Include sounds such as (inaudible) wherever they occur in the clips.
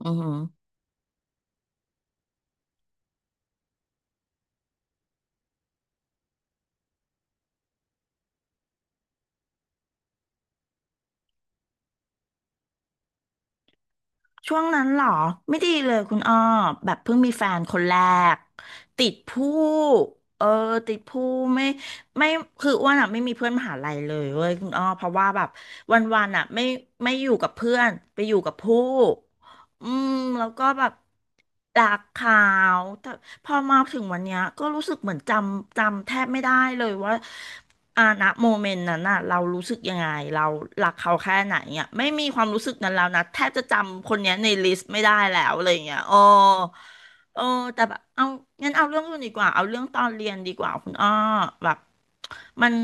อือหือช่วงนั้นเหรอไม่ดีเลยคุณอ้อแบบเพิ่งมีแฟนคนแรกติดผู้เออติดผู้ไม่ไม่คืออ้วนอ่ะไม่มีเพื่อนมหาลัยเลยเว้ยคุณอ้อเพราะว่าแบบวันๆอ่ะไม่อยู่กับเพื่อนไปอยู่กับผู้ อืมแล้วก็แบบดากขาวแต่พอมาถึงวันเนี้ยก็รู้สึกเหมือนจำแทบไม่ได้เลยว่าอาณโมเมนต์นั้นน่ะเรารู้สึกยังไงเรารักเขาแค่ไหนเนี่ยไม่มีความรู้สึกนั้นแล้วนะแทบจะจำคนเนี้ยในลิสต์ไม่ได้แล้วอะไรอย่างเงี้ยโอ้โอ้แต่แบบเอางั้นเอาเรื่องอื่นดีกว่าเอาเรื่องตอนเรียนดีกว่าคุณอ้อแบบมัน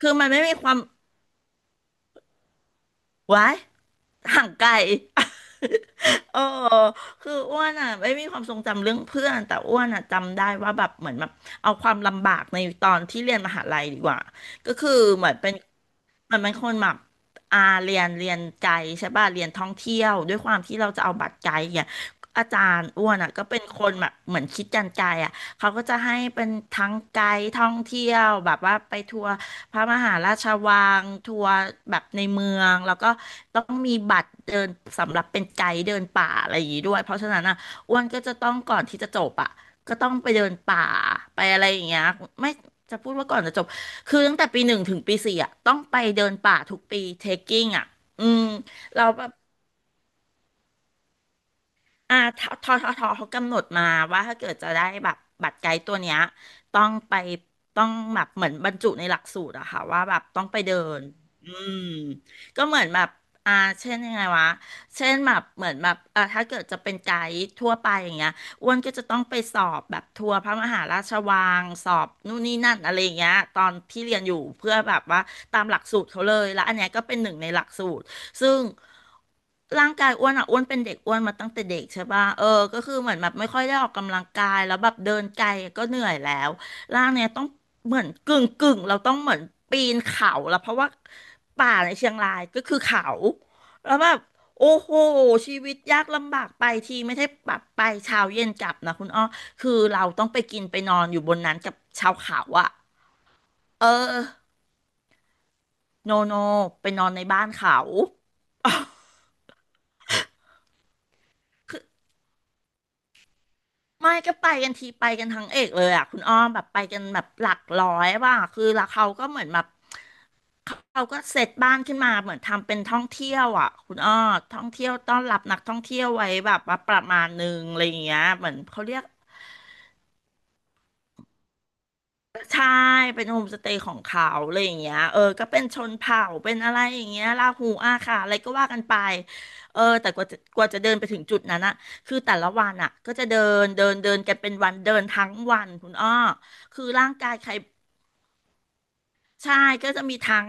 คือมันไม่มีความไว้ห่างไกล เออคืออ้วนอ่ะไม่มีความทรงจำเรื่องเพื่อนแต่อ้วนอ่ะจำได้ว่าแบบเหมือนแบบเอาความลำบากในตอนที่เรียนมหาลัยดีกว่าก็คือเหมือนเป็นเหมือนเป็นคนแบบอาเรียนไกด์ใช่ป่ะเรียนท่องเที่ยวด้วยความที่เราจะเอาบัตรไกด์เนี่ยอาจารย์อ้วนอ่ะก็เป็นคนแบบเหมือนคิดการไกด์อ่ะเขาก็จะให้เป็นทั้งไกด์ท่องเที่ยวแบบว่าไปทัวร์ พระมหาราชวังทัวร์แบบในเมืองแล้วก็ต้องมีบัตรเดินสำหรับเป็นไกด์เดินป่าอะไรอย่างงี้ด้วยเพราะฉะนั้นอ่ะอ้วนก็จะต้องก่อนที่จะจบอ่ะก็ต้องไปเดินป่าไปอะไรอย่างเงี้ยไม่จะพูดว่าก่อนจะจบคือตั้งแต่ปี 1ถึงปี 4อ่ะต้องไปเดินป่าทุกปีเทคกิ้งอ่ะอืมเรา อ่าทเขากำหนดมาว่าถ้าเกิดจะได้แบบบัตรไกด์ตัวเนี้ยต้องไปต้องแบบเหมือนบรรจุในหลักสูตรอะค่ะว่าแบบต้องไปเดินอืมก็เหมือนแบบอ่าเช่นยังไงวะเช่นแบบเหมือนแบบอ่าถ้าเกิดจะเป็นไกด์ทั่วไปอย่างเงี้ยอ้วนก็จะต้องไปสอบแบบทัวร์พระมหาราชวังสอบนู่นนี่นั่นอะไรอย่างเงี้ยตอนที่เรียนอยู่เพื่อแบบว่าตามหลักสูตรเขาเลยแล้วอันเนี้ยก็เป็นหนึ่งในหลักสูตร ซึ่งร่างกายอ้วนอ่ะอ้วนเป็นเด็กอ้วนมาตั้งแต่เด็กใช่ป่ะเออก็คือเหมือนแบบไม่ค่อยได้ออกกำลังกายแล้วแบบเดินไกลก็เหนื่อยแล้วร่างเนี่ยต้องเหมือนกึ่งเราต้องเหมือนปีนเขาแล้วเพราะว่าป่าในเชียงรายก็คือเขาแล้วแบบโอ้โหชีวิตยากลำบากไปทีไม่ใช่แบบไปเช้าเย็นกลับนะคุณอ้อคือเราต้องไปกินไปนอนอยู่บนนั้นกับชาวเขาอ่ะเออโนโนไปนอนในบ้านเขา (laughs) คือ ไม่ก็ไปกันทีไปกันทั้งเอกเลยอ่ะคุณอ้อมแบบไปกันแบบหลักร้อยว่าคือแล้วเขาก็เหมือนแบบเขาก็เซตบ้านขึ้นมาเหมือนทำเป็นท่องเที่ยวอ่ะคุณอ้อท่องเที่ยวต้อนรับนักท่องเที่ยวไว้แบบว่าประมาณหนึงอะไรอย่างเงี้ยเหมือนเขาเรียก ใช่เป็นโฮมสเตย์ของเขาอะไรอย่างเงี้ยเออก็เป็นชนเผ่าเป็นอะไรอย่างเงี้ยลาหูอาขาอะไรก็ว่ากันไปเออแต่กว่าจะเดินไปถึงจุดนั้นอะคือแต่ละวันอะก็จะเดินเดินเดินกันเป็นวันเดินทั้งวันคุณอ้อคือร่างกายใคร ใช่ก็จะมีทาง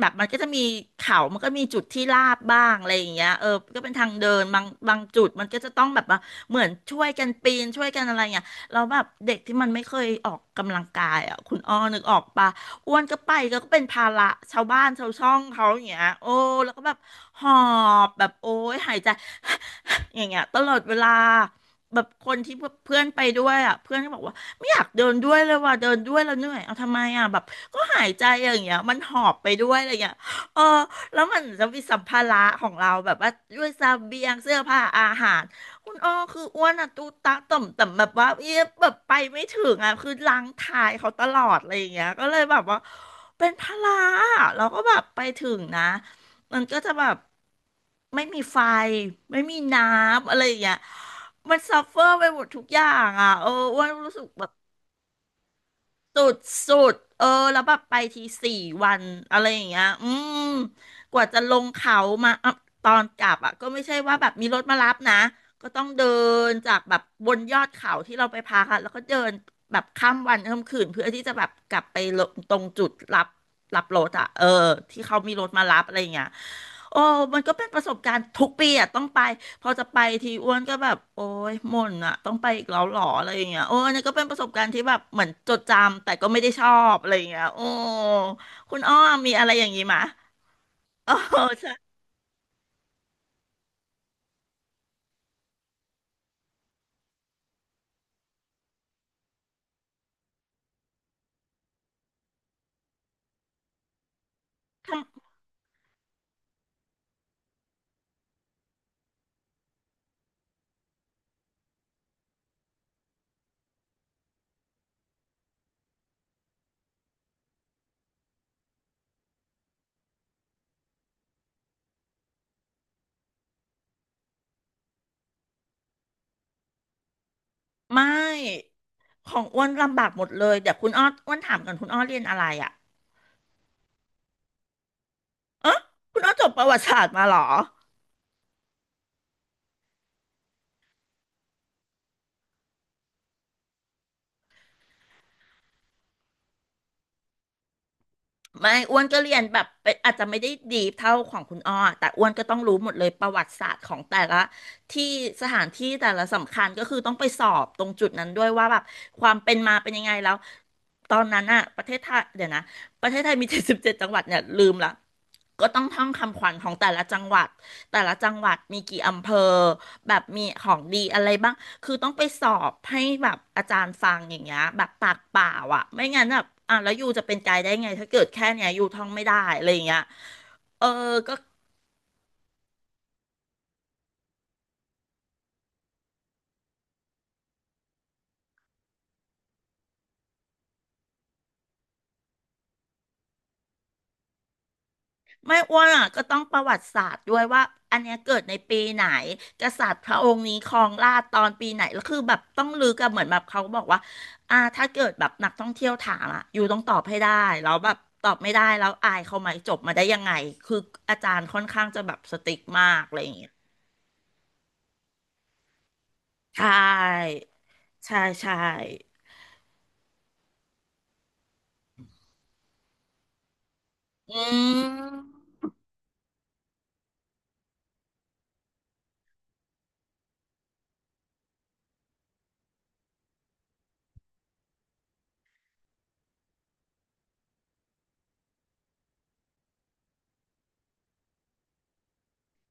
แบบมันก็จะมีเขามันก็มีจุดที่ลาดบ้างอะไรอย่างเงี้ยเออก็เป็นทางเดินบางจุดมันก็จะต้องแบบว่าเหมือนช่วยกันปีนช่วยกันอะไรเงี้ยเราแล้วแบบเด็กที่มันไม่เคยออกกำลังกายอ่ะคุณอ้อนึกออกปะอ้วนก็ไปก็เป็นภาระชาวบ้านชาวช่องเขาอย่างเงี้ยโอ้แล้วก็แบบหอบแบบโอ้ยหายใจ (laughs) (sighs) อย่างเงี้ยตลอดเวลาแบบคนที่เพื่อนไปด้วยอ่ะเพื่อนก็บอกว่า ไม่อยากเดินด้วยเลยว่ะเดินด้วยแล้วเหนื่อยเอาทำไมอ่ะแบบก็หายใจอย่างเงี้ยมันหอบไปด้วยอะไรเงี้ยเออแล้วมันจะมีสัมภาระของเราแบบว่าด้วยเสบียงเสื้อผ้าอาหารคุณอ้อคืออ้วนอะตูตะต่อมแต่แบบว่าเอ๊ะแบบไปไม่ถึงอะคือล้างทายเขาตลอดอะไรอย่างเงี้ยก็เลยแบบว่าเป็นพลาอะเราก็แบบไปถึงนะมันก็จะแบบไม่มีไฟไม่มีน้ำอะไรอย่างเงี้ยมันซัฟเฟอร์ไปหมดทุกอย่างอ่ะเอออ้วนรู้สึกแบบ สุดเออ แล้วแบบไปทีสี่วันอะไรอย่างเงี้ยอืม กว่าจะลงเขามาอ่ะตอนกลับอ่ะก็ไม่ใช่ว่าแบบมีรถมารับนะ ก็ต้องเดินจากแบบบนยอดเขาที่เราไปพักอะแล้วก็เดินแบบข้ามวันข้ามคืนเพื่อที่จะแบบกลับไปลงตรงจุดรับรถอ่ะเออที่เขามีรถมารับอะไรอย่างเงี้ย โอ้มันก็เป็นประสบการณ์ทุกปีอ่ะต้องไปพอจะไปทีอ้วนก็แบบโอ้ยหม่นอ่ะต้องไปอีกแล้วหรออะไรอย่างเงี้ยโอ้อันนี่ก็เป็นประสบการณ์ที่แบบเหมือนจดจำแต่ก็ไม่ได้ชอบอะไรอย่างเงี้ยโอ้คุณอ้อมมีอะไรอย่างงี้มะเออใช่ทำไม่ของอ้วนลำบากหมดเลยเดี๋ยวคุณอ้ออ้วนถามกันคุณอ้อเรียนอะไรอ่ะเออคุณอ้อจบประวัติศาสตร์มาเหรอ ไม่อ้วนก็เรียนแบบเป็นอาจจะไม่ได้ดีเท่าของคุณอ้อแต่อ้วนก็ต้องรู้หมดเลยประวัติศาสตร์ของแต่ละที่สถานที่แต่ละสำคัญก็คือต้องไปสอบตรงจุดนั้นด้วยว่าแบบความเป็นมาเป็นยังไงแล้วตอนนั้นอะประเทศไทยเดี๋ยวนะประเทศไทยมี (laughs) 77จังหวัดเนี่ยลืมละก็ต้องท่องคำขวัญของแต่ละจังหวัด แต่ละจังหวัดมีกี่อำเภอแบบมีของดีอะไรบ้าง คือต้องไปสอบให้แบบอาจารย์ฟังอย่างเงี้ยแบบปากเปล่าอ่ะไม่งั้นแบบอ่ะแล้วยูจะเป็นไกด์ได้ไงถ้าเกิดแค่เนี้ยยูท่องไม่ได้อะไรอย่างเงี้ยเออก็ ไม่อ้วนอ่ะก็ต้องประวัติศาสตร์ด้วยว่าอันเนี้ยเกิดในปีไหนกษัตริย์พระองค์นี้ครองราชย์ตอนปีไหนแล้วคือแบบต้องลึกอะเหมือนแบบเขาบอกว่าอ่าถ้าเกิดแบบนักท่องเที่ยวถามอะอยู่ต้องตอบให้ได้แล้วแบบตอบไม่ได้แล้วอายเขาไหมจบมาได้ยังไงคืออาจารย์ค่อนข้างจะแบบสติ๊กมากอะไรอย่างเงี้ยใช่ใช่ใช่อืม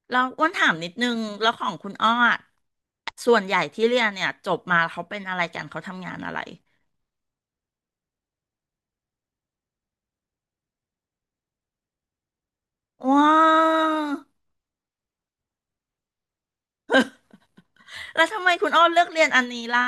เราอ้วนถามนิดนึงแล้วของคุณอ้ออะส่วนใหญ่ที่เรียนเนี่ยจบมาเขาเป็นอะไรกันเขาทำงานอะไรว้า แล้วทำไมคุณอ้อเลือกเรียนอันนี้ล่ะ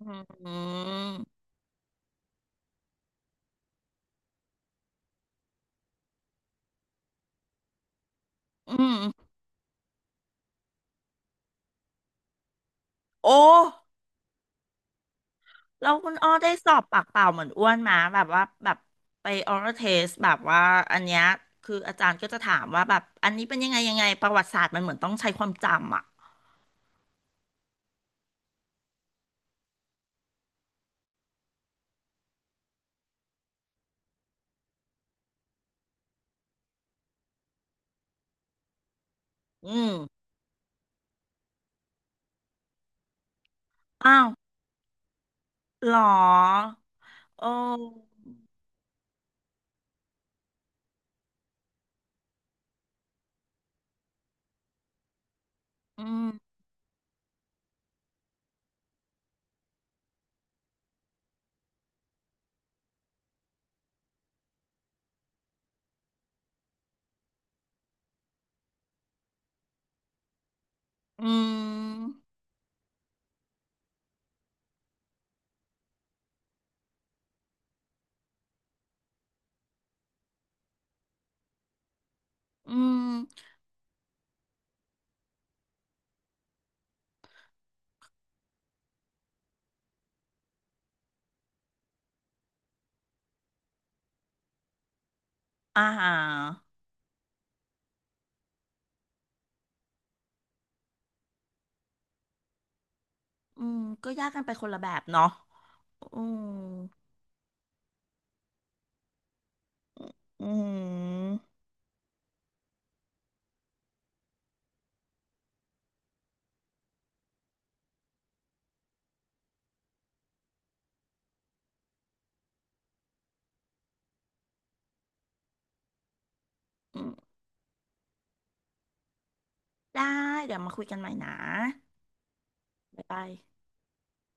อืมอืมโอ้แล้วคุณอ้อได้สอบปากเปล่าเหมือนอ้วนมาแบบว่าแบบไปออ a เทสแบบว่าอันเนี้ยคืออาจารย์ก็จะถามว่าแบบอันนี้เป็นยังไงยังไงประวัติศาสตร์มันเหมือนต้องใช้ความจำอ่ะอืม อ้าวเหรอโอ้อืมอืมอืมอ่าฮะอืมก็ยากกันไปคนละแบบเนาะอืมอืม ได้เดี๋ยวมาคุยกันใหม่นะบ๊ายบาย